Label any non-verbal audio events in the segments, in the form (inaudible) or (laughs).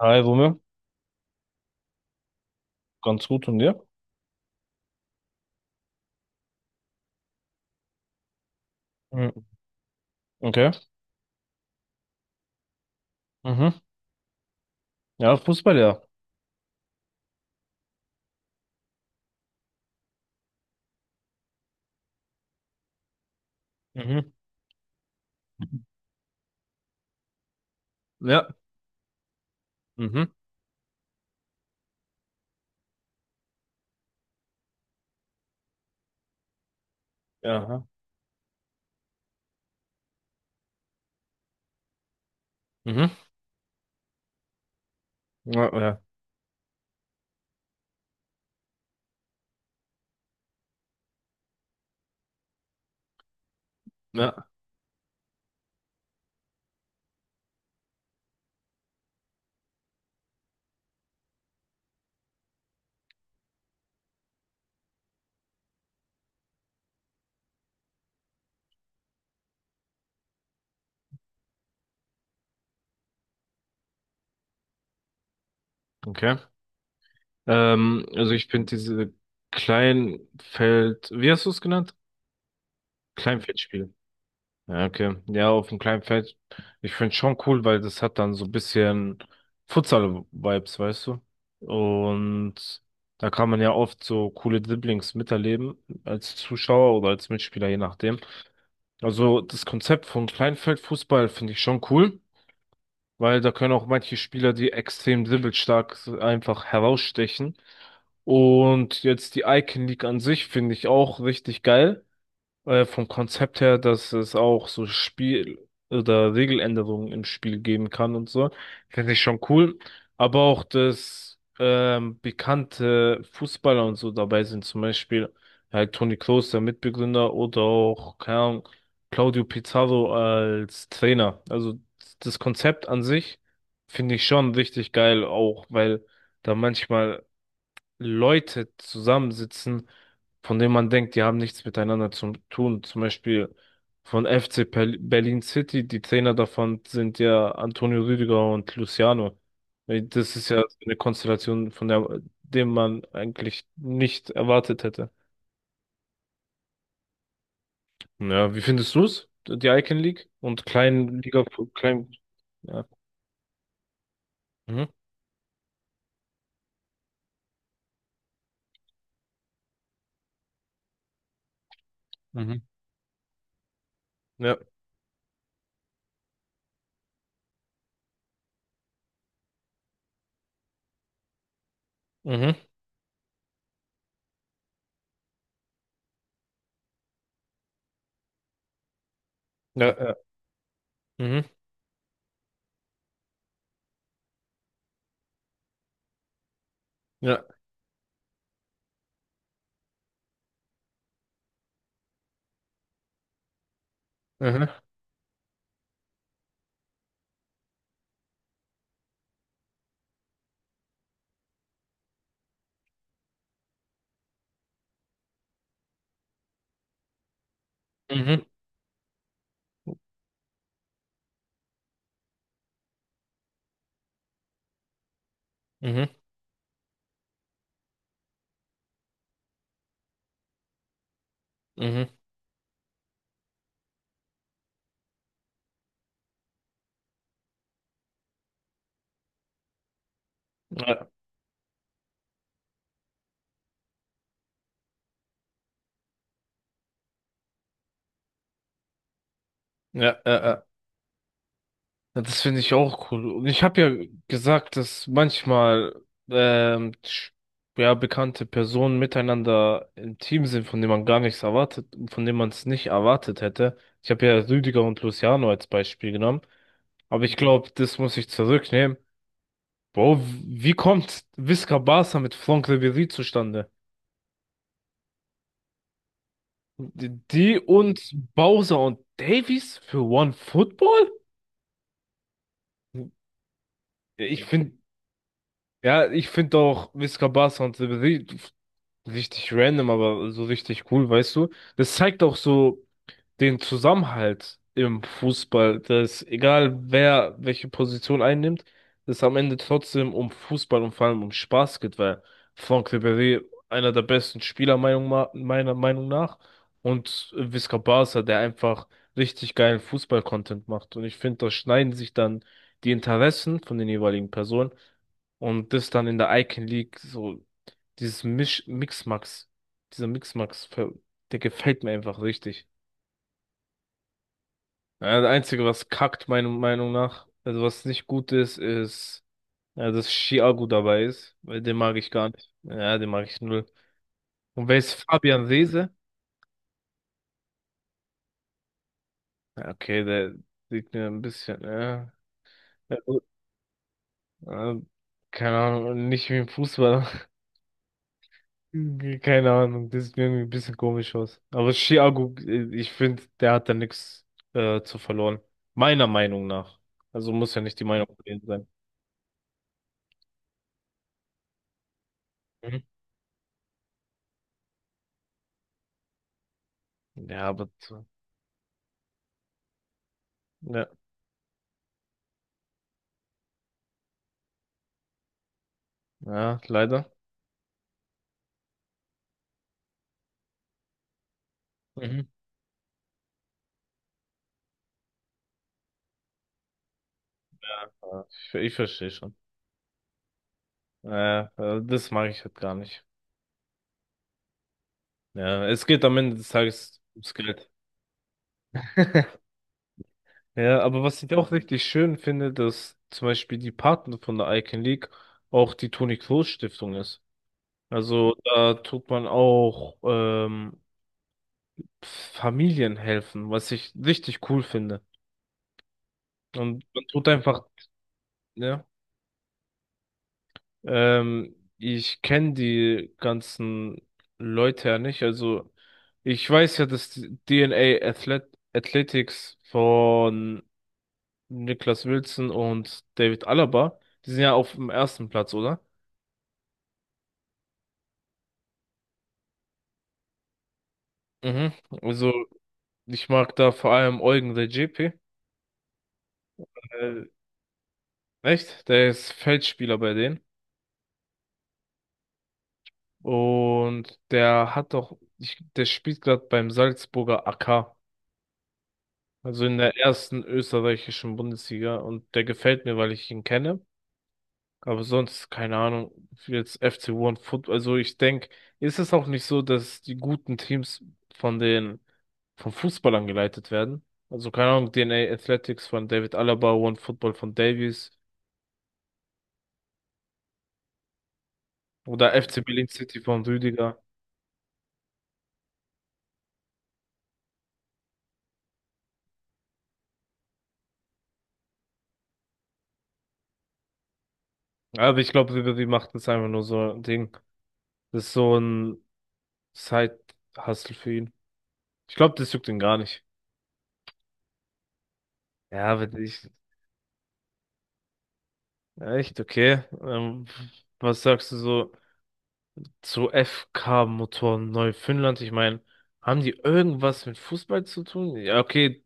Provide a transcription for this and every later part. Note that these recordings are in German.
Hi, Rumme. Ganz gut und dir? Mhm. Okay. Mhm. Ja, Fußball, ja. Mhm. Ja. Mhm. Ja. Aha. Mhm. Ja, ja. Ja. Okay. Also ich finde diese Kleinfeld, wie hast du es genannt? Kleinfeldspiel. Ja, okay. Ja, auf dem Kleinfeld. Ich finde schon cool, weil das hat dann so ein bisschen Futsal-Vibes, weißt du? Und da kann man ja oft so coole Dribblings miterleben als Zuschauer oder als Mitspieler, je nachdem. Also das Konzept von Kleinfeldfußball finde ich schon cool, weil da können auch manche Spieler, die extrem dribbelstark sind, einfach herausstechen. Und jetzt die Icon League an sich finde ich auch richtig geil, vom Konzept her, dass es auch so Spiel- oder Regeländerungen im Spiel geben kann und so. Finde ich schon cool. Aber auch, dass bekannte Fußballer und so dabei sind, zum Beispiel halt Toni Kroos, der Mitbegründer, oder auch, keine Ahnung, Claudio Pizarro als Trainer. Also das Konzept an sich finde ich schon richtig geil, auch weil da manchmal Leute zusammensitzen, von denen man denkt, die haben nichts miteinander zu tun. Zum Beispiel von FC Berlin City, die Trainer davon sind ja Antonio Rüdiger und Luciano. Das ist ja so eine Konstellation, von der dem man eigentlich nicht erwartet hätte. Ja, wie findest du es? Die Icon League und Kleinliga, Klein, ja. Mhm. Mhm. Ja. Mhm. Ja. Ja. Mhm. Ja. Mhm. Mhm. Mhm. Mhm. Ja. Ja. Ja. Ja. Ja, das finde ich auch cool. Und ich habe ja gesagt, dass manchmal ähm, sch- ja, bekannte Personen miteinander im Team sind, von denen man gar nichts erwartet, von denen man es nicht erwartet hätte. Ich habe ja Rüdiger und Luciano als Beispiel genommen. Aber ich glaube, das muss ich zurücknehmen. Bro, wie kommt Visca Barca mit Franck Ribéry zustande? Die und Bowser und Davies für One Football? Ich finde, ja, ich finde auch Visca Barca und Ribéry. Richtig random, aber so richtig cool, weißt du? Das zeigt auch so den Zusammenhalt im Fußball, dass egal wer welche Position einnimmt, es am Ende trotzdem um Fußball und vor allem um Spaß geht, weil Franck Ribéry einer der besten Spieler meiner Meinung nach und Visca Barca, der einfach richtig geilen Fußball-Content macht. Und ich finde, da schneiden sich dann die Interessen von den jeweiligen Personen und das dann in der Icon League so dieses Misch Mixmax, dieser Mixmax, der gefällt mir einfach richtig. Ja, das Einzige, was kackt, meiner Meinung nach, also was nicht gut ist, ist, ja, dass Thiago dabei ist, weil den mag ich gar nicht. Ja, den mag ich null. Und wer ist Fabian Seese? Ja, okay, der sieht mir ein bisschen, ja, ja, gut, ja, keine Ahnung, nicht wie ein Fußballer. (laughs) Keine Ahnung, das sieht mir irgendwie ein bisschen komisch aus. Aber Thiago, ich finde, der hat da nichts zu verloren. Meiner Meinung nach. Also muss ja nicht die Meinung von denen sein. Mhm. Ja, aber, ja, ja, leider. Mhm. Ja, ich verstehe schon. Das mag ich halt gar nicht. Ja, es geht am Ende des Tages ums Geld. (laughs) Ja, aber was ich auch richtig schön finde, dass zum Beispiel die Paten von der Icon League auch die Toni-Kroos-Stiftung ist. Also da tut man auch Familien helfen, was ich richtig cool finde. Und man tut einfach, ja. Ich kenne die ganzen Leute ja nicht. Also ich weiß ja, dass die DNA Athletics von Niklas Wilson und David Alaba, die sind ja auf dem ersten Platz, oder? Mhm. Also ich mag da vor allem Eugen Redzepi. Äh, echt? Der ist Feldspieler bei denen. Und der hat doch, ich, der spielt gerade beim Salzburger AK. Also in der ersten österreichischen Bundesliga und der gefällt mir, weil ich ihn kenne. Aber sonst, keine Ahnung, jetzt FC One Football. Also ich denke, ist es auch nicht so, dass die guten Teams von den, von Fußballern geleitet werden? Also keine Ahnung, DNA Athletics von David Alaba, One Football von Davies oder FC Berlin City von Rüdiger. Aber ich glaube, Ribery macht das einfach nur so ein Ding. Das ist so ein Side-Hustle für ihn. Ich glaube, das juckt ihn gar nicht. Ja, aber ich. Echt, okay. Was sagst du so zu FK-Motoren Neufundland? Ich meine, haben die irgendwas mit Fußball zu tun? Ja, okay,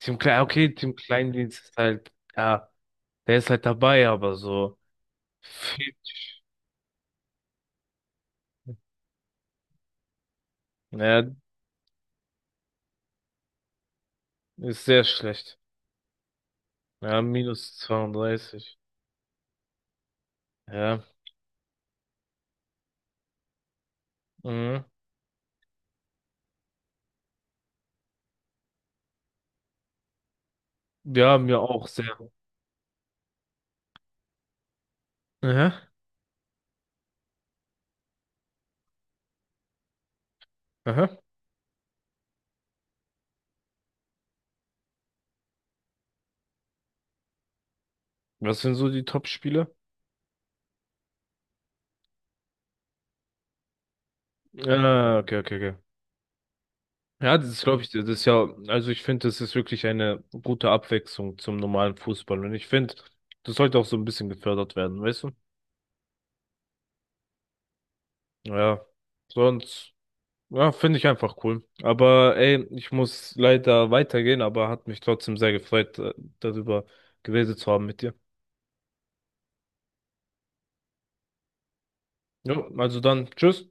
Okay, Team Kleindienst ist halt, ja, der ist halt dabei, aber so viel, ja, ist sehr schlecht. Ja, minus 32. Ja, mhm. Ja, mir auch sehr. Aha, aha. Was sind so die Top-Spiele? Ah, okay, okay, okay. Ja, das ist, glaube ich, das ist ja, also ich finde, das ist wirklich eine gute Abwechslung zum normalen Fußball. Und ich finde, das sollte auch so ein bisschen gefördert werden, weißt du? Ja, sonst, ja, finde ich einfach cool. Aber ey, ich muss leider weitergehen, aber hat mich trotzdem sehr gefreut, darüber geredet zu haben mit dir. Jo, also dann, tschüss.